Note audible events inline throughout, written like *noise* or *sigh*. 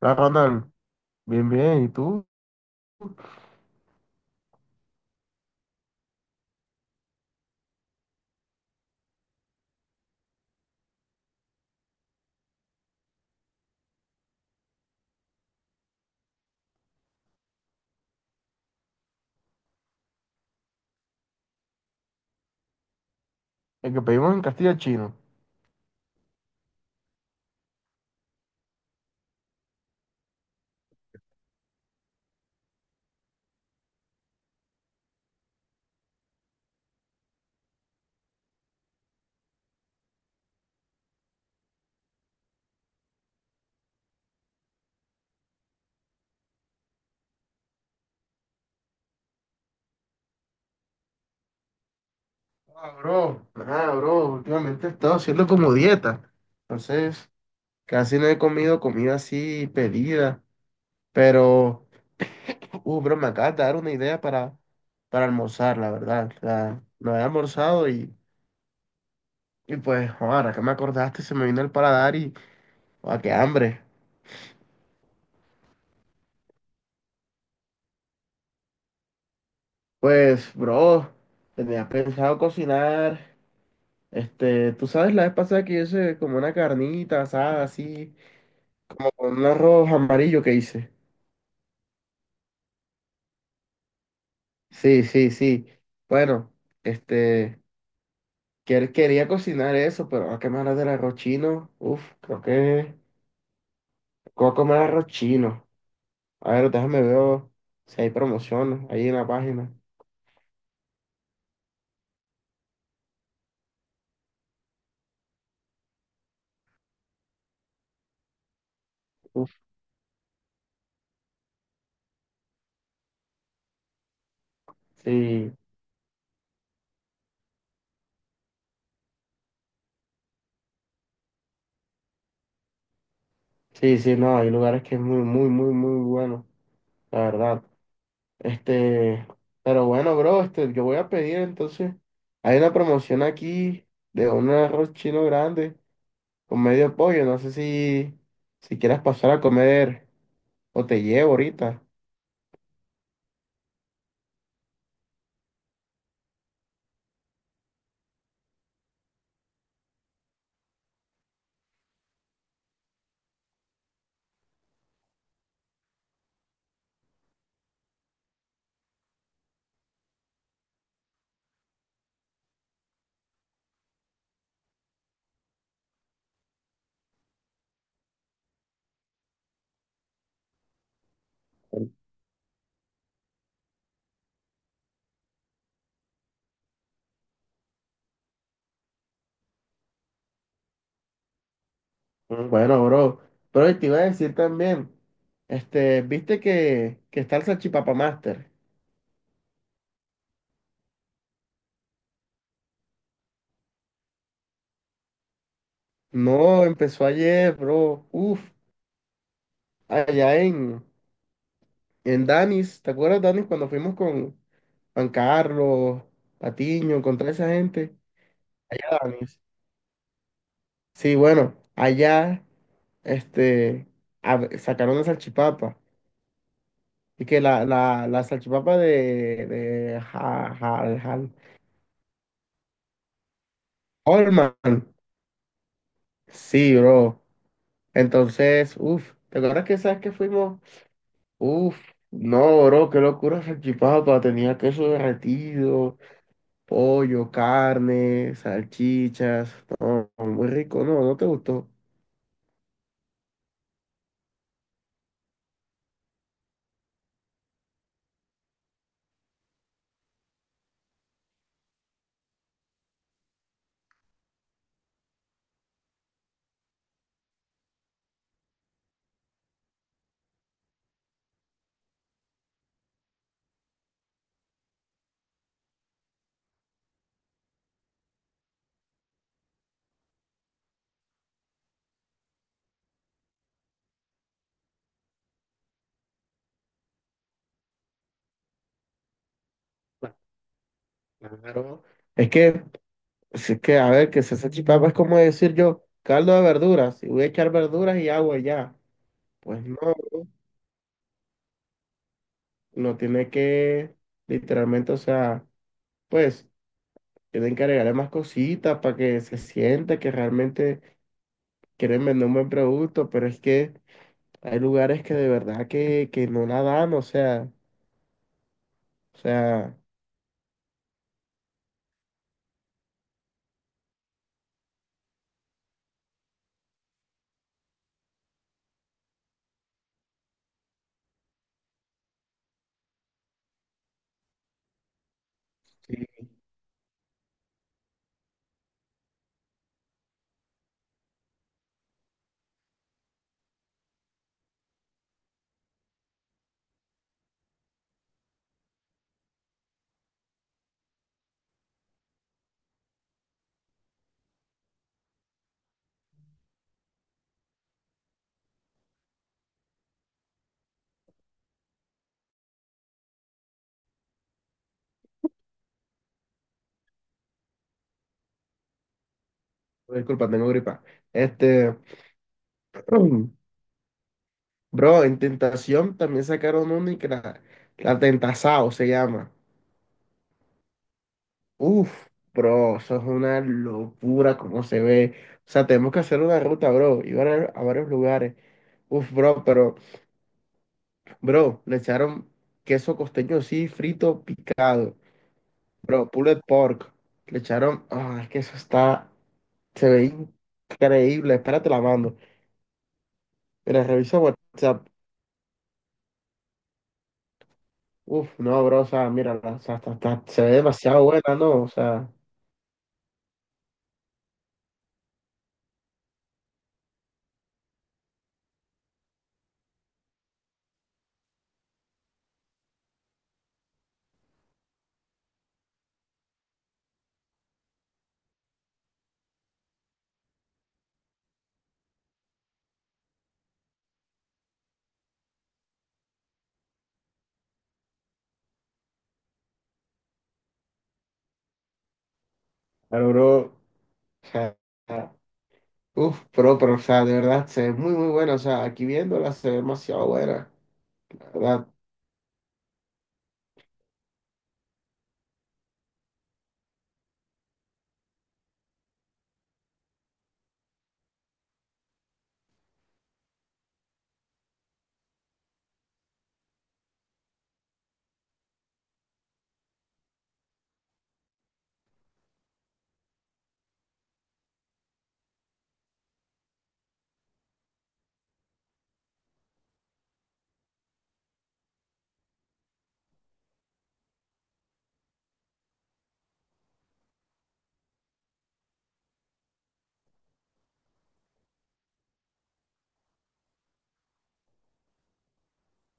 La Ronald, bien, bien. ¿Y tú? El que pedimos en Castilla Chino. Ah, bro, nada, bro. Últimamente he estado haciendo como dieta. Entonces, casi no he comido comida así pedida. Pero, bro, me acabas de dar una idea para almorzar, la verdad. O sea, no había almorzado y pues, ahora que me acordaste, se me vino el paladar y, ah, qué hambre. Pues, bro, tenía pensado cocinar. Este, tú sabes, la vez pasada que yo hice como una carnita asada, así, como con un arroz amarillo que hice. Sí, sí, sí. Bueno, este, él quería cocinar eso, pero a qué me hablas del arroz chino. Uf, creo que voy a comer arroz chino. A ver, déjame ver si hay promociones ahí en la página. Uf, sí, sí, sí, no, hay lugares que es muy, muy, muy, muy bueno, la verdad. Este, pero bueno, bro, este, yo voy a pedir entonces. Hay una promoción aquí de un arroz chino grande con medio pollo. No sé si, si quieras pasar a comer o te llevo ahorita. Mm, bueno, bro. Pero te iba a decir también, este, viste que, está el salchipapa Master. No, empezó ayer, bro. Uf, allá en Danis. ¿Te acuerdas, Danis, cuando fuimos con Juan Carlos, Patiño, con toda esa gente? Allá, Danis. Sí, bueno, allá este, sacaron la salchipapa. Y que la, salchipapa de, Holman. Sí, bro. Entonces, uff, ¿te acuerdas que sabes que fuimos? Uff, no, bro, qué locura salchipapa. Tenía queso derretido, pollo, carne, salchichas. No, muy rico. No, no te gustó. Claro. Es que. Así que, a ver, que se salsa chipapa es como decir yo, caldo de verduras, y voy a echar verduras y agua y ya. Pues no, no tiene que, literalmente, o sea, pues, tienen que agregarle más cositas para que se sienta que realmente quieren vender un buen producto, pero es que hay lugares que de verdad que no la dan, o sea, sí, disculpa, tengo gripa. Este, *clears throat* bro, en Tentación también sacaron una y que la, la Tentasao se llama. Uf, bro, eso es una locura como se ve. O sea, tenemos que hacer una ruta, bro, y a varios lugares. Uf, bro, pero, bro, le echaron queso costeño así, frito, picado. Bro, pulled pork. Le echaron, ah, es que eso está, se ve increíble. Espérate, la mando. Mira, revisa WhatsApp. Uf, no, bro, o sea, mira, o sea, se ve demasiado buena, ¿no? O sea, pero, bro, o sea. Uf, pero, o sea, de verdad, se ve muy, muy buena. O sea, aquí viéndola se ve demasiado buena. La verdad,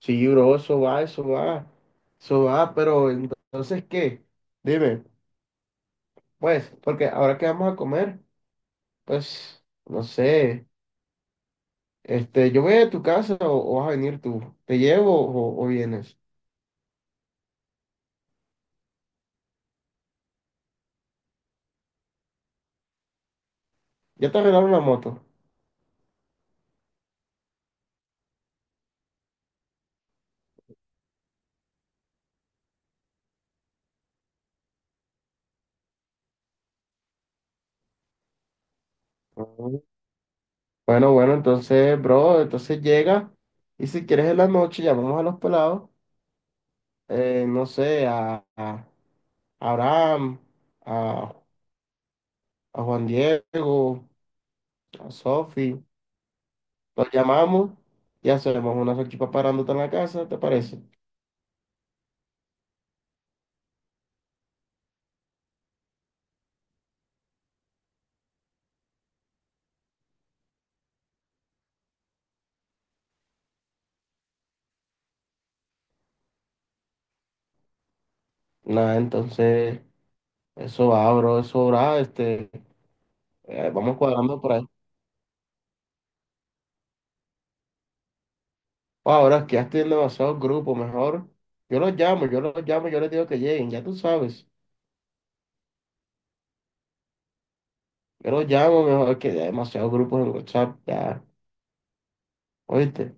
sí, bro, eso va, eso va, eso va, pero entonces, ¿qué? Dime, pues, porque ahora que vamos a comer, pues, no sé, este, yo voy a tu casa o vas a venir tú. ¿Te llevo o vienes? Ya te arreglaron la moto. Ujú. Bueno, bueno, entonces, bro, entonces llega y si quieres en la noche llamamos a los pelados, no sé, a Abraham, a, a Juan Diego, a Sofi. Los llamamos y hacemos una salchipapa grandota en la casa, ¿te parece? Nada, entonces, eso va, bro, eso va, este, vamos cuadrando por ahí. Oh, ahora es que ya estoy en demasiados grupos, mejor. Yo los llamo, yo los llamo, yo les digo que lleguen, ya tú sabes. Yo los llamo, mejor que ya hay demasiados grupos en WhatsApp, ya, ¿oíste?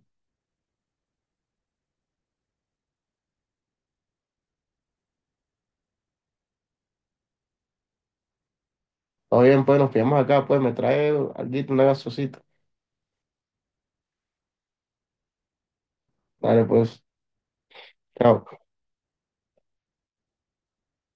Todo bien, pues nos pillamos acá, pues me trae alguito, una gaseosita. Dale, pues, chao.